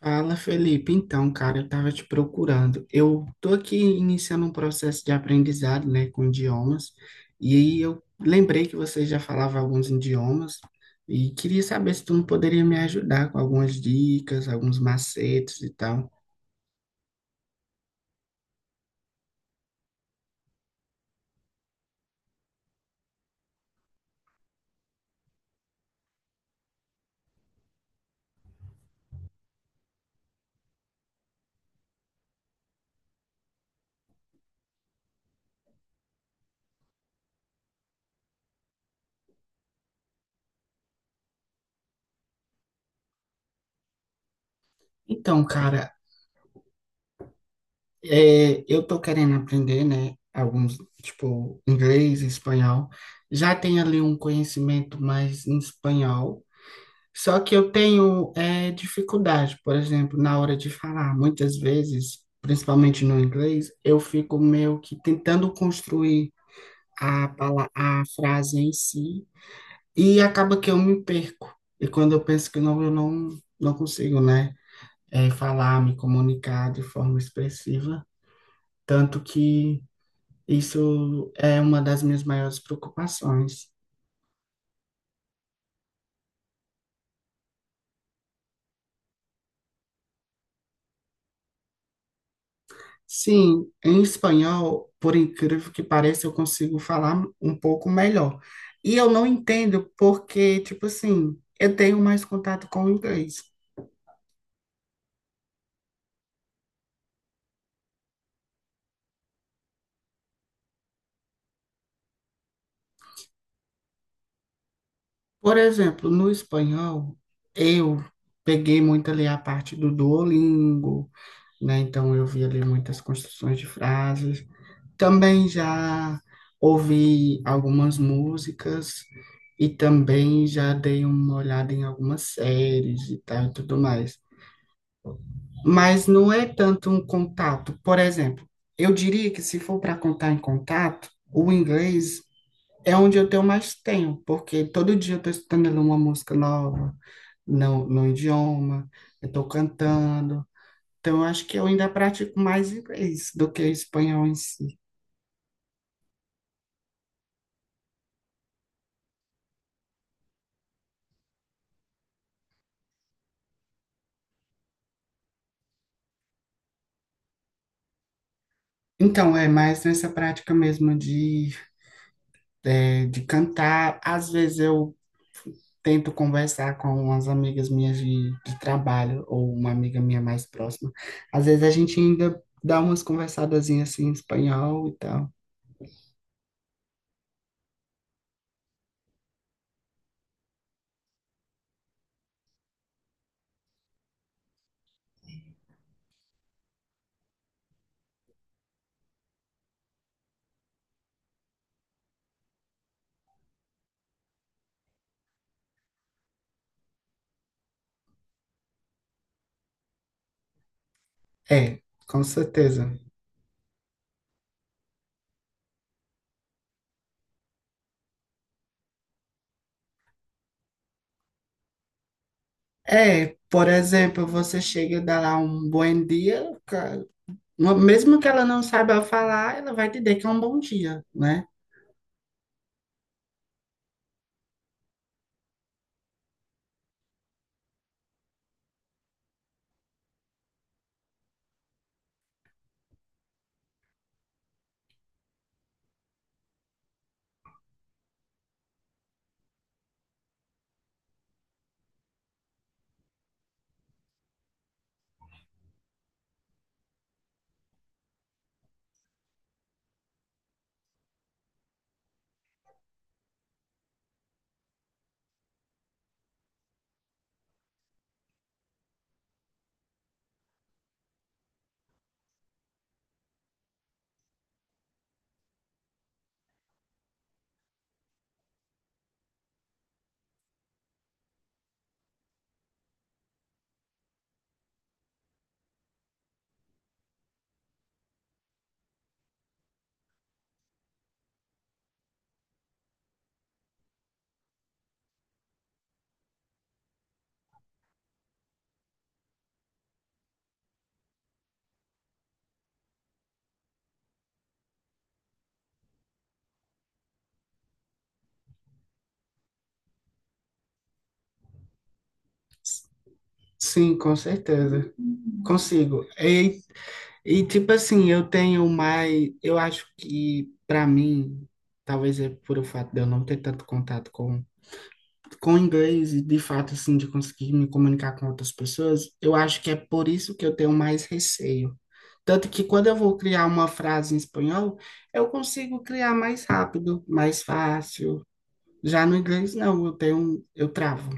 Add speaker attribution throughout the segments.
Speaker 1: Fala, Felipe. Então, cara, eu estava te procurando. Eu tô aqui iniciando um processo de aprendizado, né, com idiomas, e aí eu lembrei que você já falava alguns idiomas e queria saber se tu não poderia me ajudar com algumas dicas, alguns macetes e tal. Então, cara, eu tô querendo aprender, né, alguns, tipo, inglês, espanhol. Já tenho ali um conhecimento mais em espanhol. Só que eu tenho dificuldade, por exemplo, na hora de falar. Muitas vezes, principalmente no inglês, eu fico meio que tentando construir a frase em si e acaba que eu me perco. E quando eu penso que não, eu não, não consigo, né, falar, me comunicar de forma expressiva. Tanto que isso é uma das minhas maiores preocupações. Sim, em espanhol, por incrível que pareça, eu consigo falar um pouco melhor. E eu não entendo porque, tipo assim, eu tenho mais contato com o inglês. Por exemplo, no espanhol, eu peguei muito ali a parte do Duolingo, né? Então eu vi ali muitas construções de frases. Também já ouvi algumas músicas e também já dei uma olhada em algumas séries e tal e tudo mais. Mas não é tanto um contato. Por exemplo, eu diria que se for para contar em contato, o inglês é onde eu tenho mais tempo, porque todo dia eu estou estudando ali uma música nova, no idioma, eu estou cantando. Então, eu acho que eu ainda pratico mais inglês do que espanhol em si. Então, é mais nessa prática mesmo de cantar. Às vezes eu tento conversar com umas amigas minhas de trabalho ou uma amiga minha mais próxima. Às vezes a gente ainda dá umas conversadazinhas assim em espanhol e tal. É, com certeza. É, por exemplo, você chega e dá lá um bom dia, mesmo que ela não saiba falar, ela vai te dizer que é um bom dia, né? Sim, com certeza. Consigo. E e tipo assim, eu tenho mais, eu acho que para mim, talvez é por o fato de eu não ter tanto contato com inglês e de fato assim de conseguir me comunicar com outras pessoas, eu acho que é por isso que eu tenho mais receio. Tanto que quando eu vou criar uma frase em espanhol, eu consigo criar mais rápido, mais fácil. Já no inglês não, eu tenho, eu travo.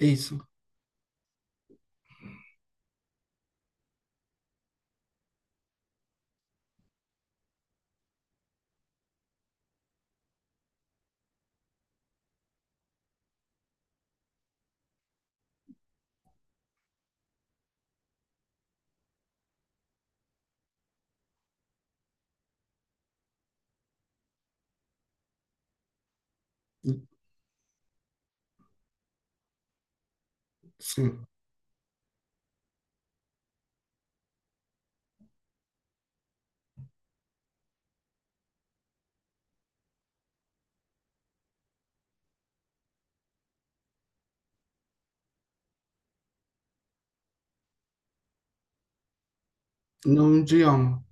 Speaker 1: Isso, sim, no idioma.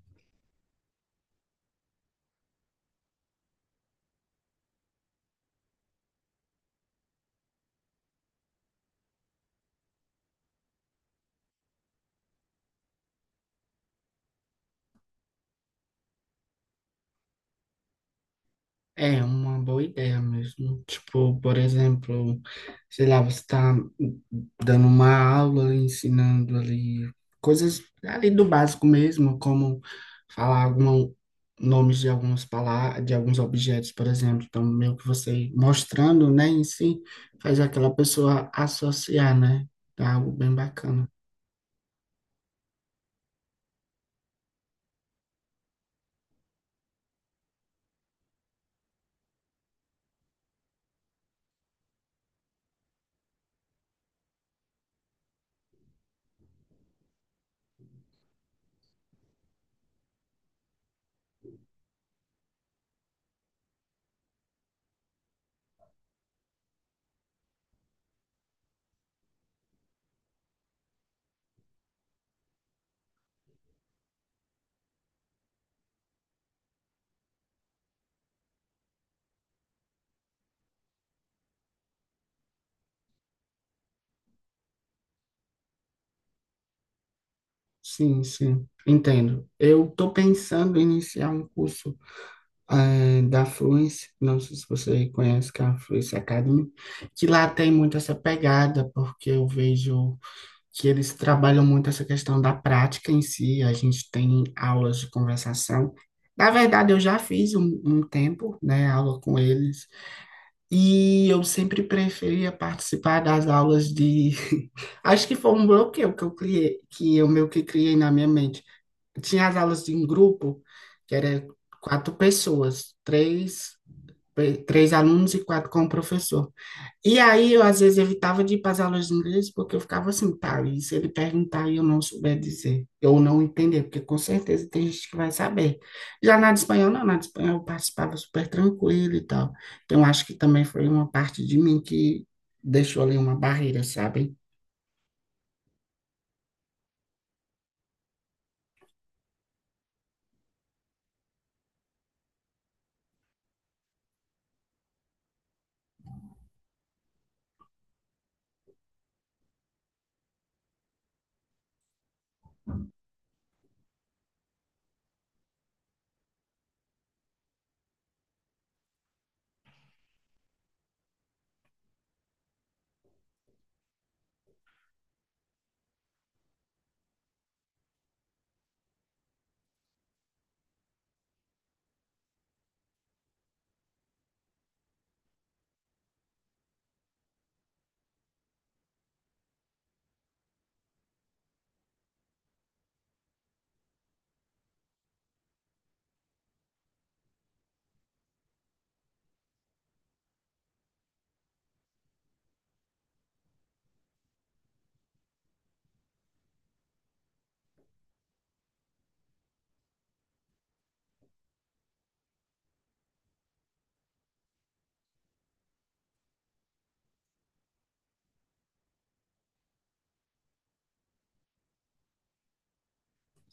Speaker 1: É uma boa ideia mesmo. Tipo, por exemplo, sei lá, você tá dando uma aula, ensinando ali coisas ali do básico mesmo, como falar algum, nomes de algumas palavras, de alguns objetos, por exemplo. Então, meio que você mostrando, né, em si, faz aquela pessoa associar, né? É algo bem bacana. Sim, sim, entendo. Eu tô pensando em iniciar um curso. É, da Fluence, não sei se você conhece, que é a Fluence Academy, que lá tem muito essa pegada, porque eu vejo que eles trabalham muito essa questão da prática em si, a gente tem aulas de conversação. Na verdade, eu já fiz um tempo, né, aula com eles, e eu sempre preferia participar das aulas de... Acho que foi um bloqueio que eu criei, que eu meio que criei na minha mente. Tinha as aulas em grupo, que era quatro pessoas, três alunos e quatro com o professor. E aí eu às vezes evitava de ir para as aulas de inglês porque eu ficava assim, tá, e se ele perguntar e eu não souber dizer, eu não entender, porque com certeza tem gente que vai saber. Já na de espanhol, não, na de espanhol eu participava super tranquilo e tal. Então acho que também foi uma parte de mim que deixou ali uma barreira, sabe?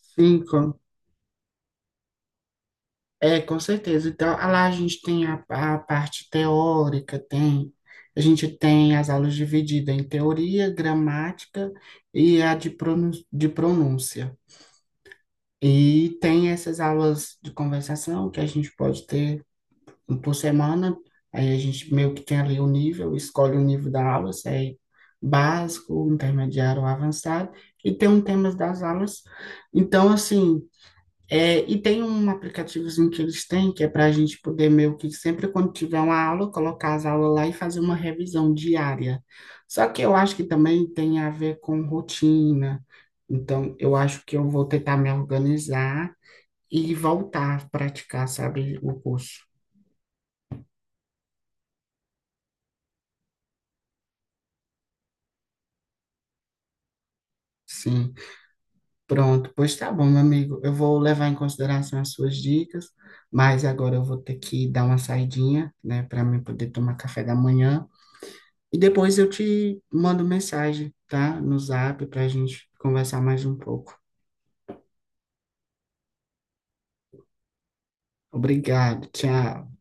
Speaker 1: Sim, é, com certeza. Então, ah, lá a gente tem a parte teórica, tem, a gente tem as aulas divididas em teoria, gramática e a de pronúncia. E tem essas aulas de conversação que a gente pode ter um por semana. Aí a gente meio que tem ali o nível, escolhe o nível da aula, se é básico, intermediário ou avançado, e tem um tema das aulas. Então, assim, é, e tem um aplicativozinho que eles têm, que é para a gente poder meio que sempre quando tiver uma aula, colocar as aulas lá e fazer uma revisão diária. Só que eu acho que também tem a ver com rotina. Então, eu acho que eu vou tentar me organizar e voltar a praticar, sabe, o curso. Sim, pronto. Pois tá bom, meu amigo. Eu vou levar em consideração as suas dicas, mas agora eu vou ter que dar uma saidinha, né, para mim poder tomar café da manhã. E depois eu te mando mensagem, tá? No Zap para a gente conversar mais um pouco. Obrigado, tchau.